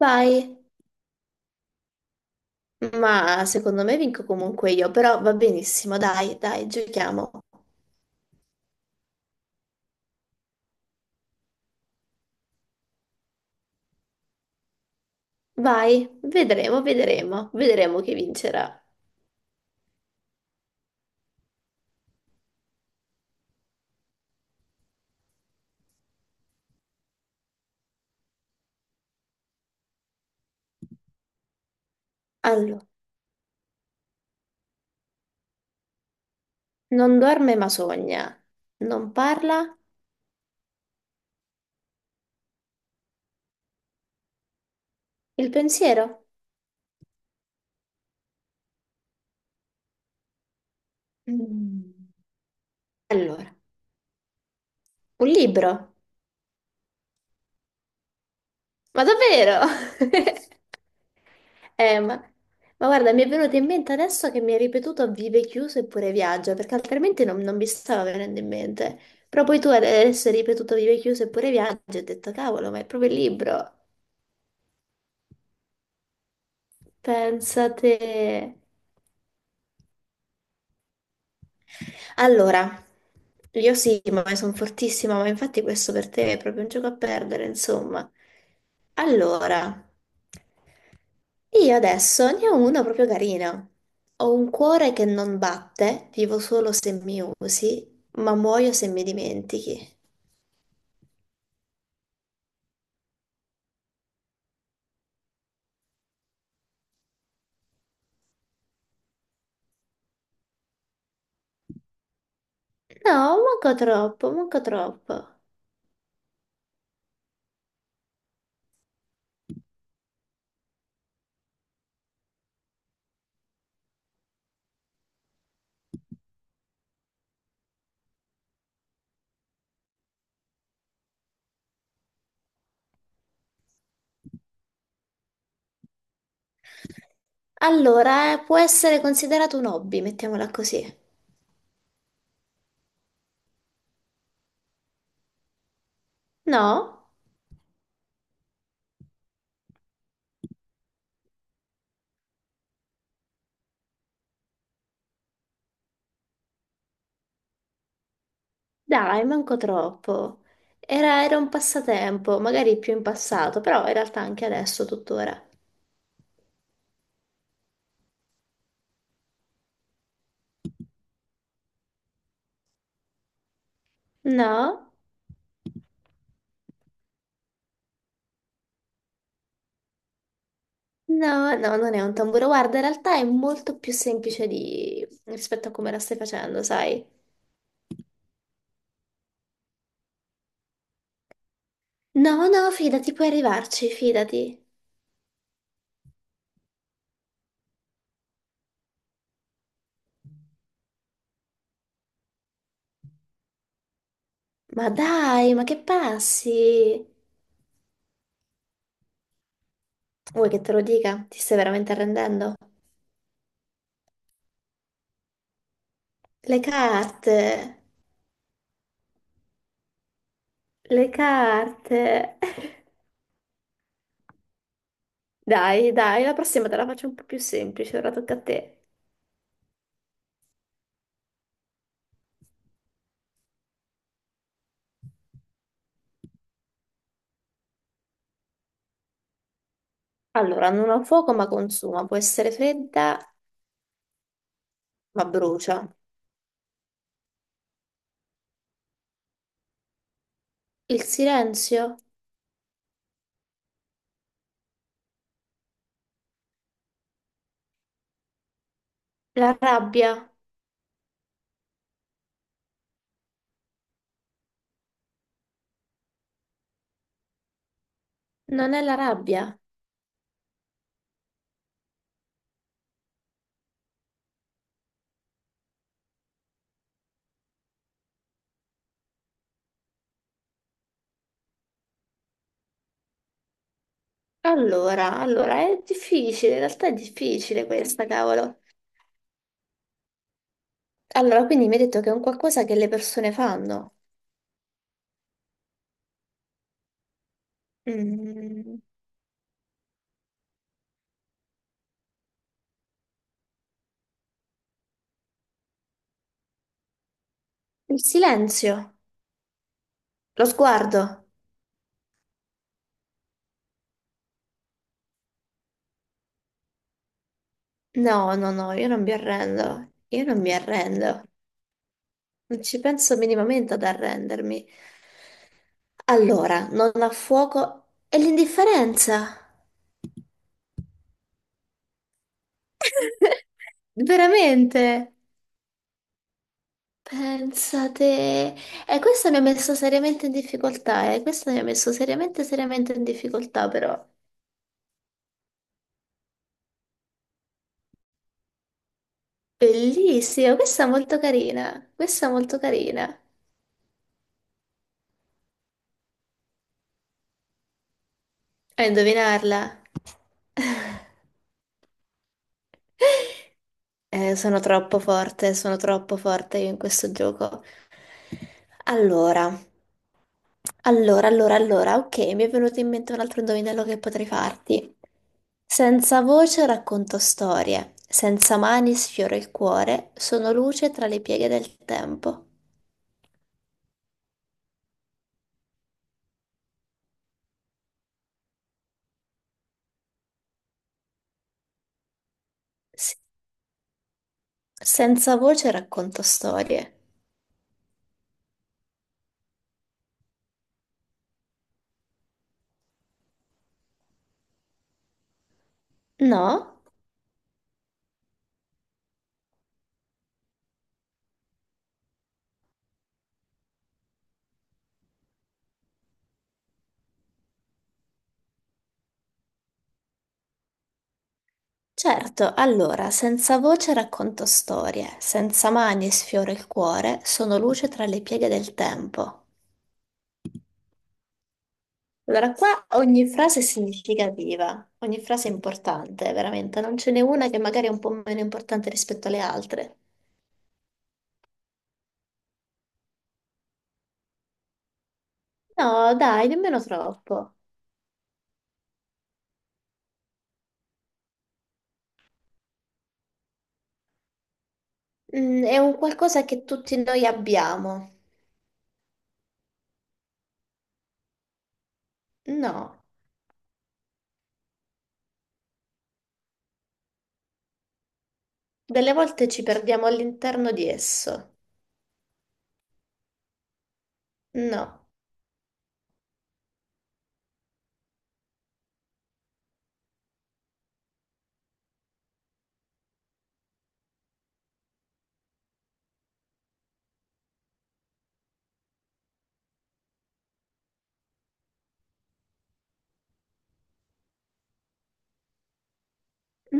Vai, ma secondo me vinco comunque io, però va benissimo, dai, dai, giochiamo. Vai, vedremo, vedremo, vedremo chi vincerà. Allora, non dorme ma sogna, non parla il pensiero. Mm. Allora, un libro, ma davvero? Eh, ma, ma guarda, mi è venuto in mente adesso che mi hai ripetuto vive chiuso eppure viaggia, perché altrimenti non mi stava venendo in mente. Però poi tu adesso hai ripetuto vive chiuso eppure viaggia e ho detto, cavolo, ma è proprio il libro. Pensate. Allora, io sì, ma sono fortissima, ma infatti questo per te è proprio un gioco a perdere, insomma. Allora. Io adesso ne ho uno proprio carino. Ho un cuore che non batte, vivo solo se mi usi, ma muoio se mi dimentichi. No, manco troppo, manco troppo. Allora, può essere considerato un hobby, mettiamola così. No? Dai, manco troppo. Era un passatempo, magari più in passato, però in realtà anche adesso, tuttora. No? No, no, non è un tamburo. Guarda, in realtà è molto più semplice di rispetto a come la stai facendo, sai? No, no, fidati, puoi arrivarci, fidati. Ma dai, ma che passi? Vuoi che te lo dica? Ti stai veramente arrendendo? Le carte, le carte. Dai, dai, la prossima te la faccio un po' più semplice, ora tocca a te. Allora, non ha fuoco ma consuma, può essere fredda ma brucia. Il silenzio? La rabbia? Non è la rabbia. Allora, allora, è difficile, in realtà è difficile questa, cavolo. Allora, quindi mi hai detto che è un qualcosa che le persone fanno. Mm, il silenzio, lo sguardo. No, no, no, io non mi arrendo. Io non mi arrendo. Non ci penso minimamente ad arrendermi. Allora, non ha fuoco è l'indifferenza. Veramente? Pensate. E questo mi ha messo seriamente in difficoltà, eh. Questo mi ha messo seriamente, seriamente in difficoltà, però. Bellissima, questa è molto carina, questa è molto carina. A indovinarla. Sono troppo forte io in questo gioco. Allora, allora, allora, allora, ok, mi è venuto in mente un altro indovinello che potrei farti. Senza voce racconto storie, senza mani sfioro il cuore, sono luce tra le pieghe del tempo. S- Senza voce racconto storie. No? Certo, allora, senza voce racconto storie, senza mani sfioro il cuore, sono luce tra le pieghe del tempo. Allora, qua ogni frase è significativa, ogni frase è importante, veramente, non ce n'è una che magari è un po' meno importante rispetto alle altre. No, dai, nemmeno troppo. Mm, è un qualcosa che tutti noi abbiamo. No, delle volte ci perdiamo all'interno di esso. No,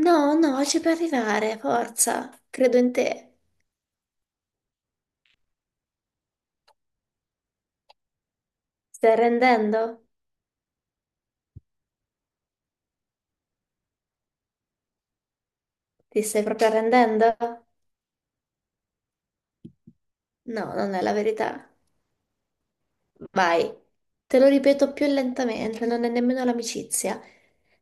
no, no, ci puoi arrivare, forza, credo in te. Stai arrendendo? Ti stai proprio arrendendo? No, non è la verità. Vai. Te lo ripeto più lentamente, non è nemmeno l'amicizia.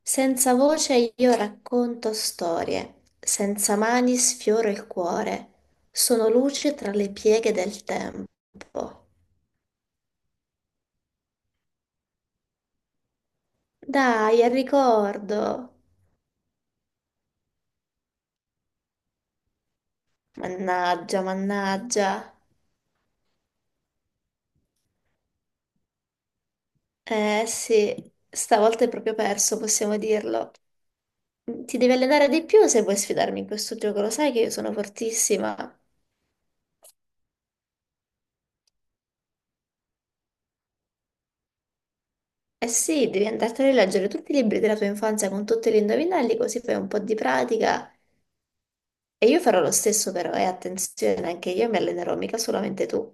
Senza voce io racconto storie, senza mani sfioro il cuore. Sono luce tra le pieghe del tempo. Dai, al ricordo. Mannaggia, mannaggia. Eh sì, stavolta è proprio perso, possiamo dirlo. Ti devi allenare di più se vuoi sfidarmi in questo gioco, lo sai che io sono fortissima. Eh sì, devi andartene a leggere tutti i libri della tua infanzia con tutti gli indovinelli, così fai un po' di pratica. E io farò lo stesso però, e attenzione, anche io mi allenerò, mica solamente tu.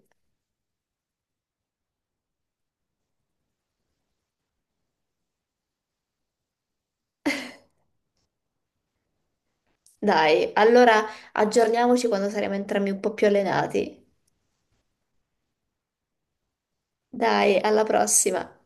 Dai, allora aggiorniamoci quando saremo entrambi un po' più allenati. Dai, alla prossima.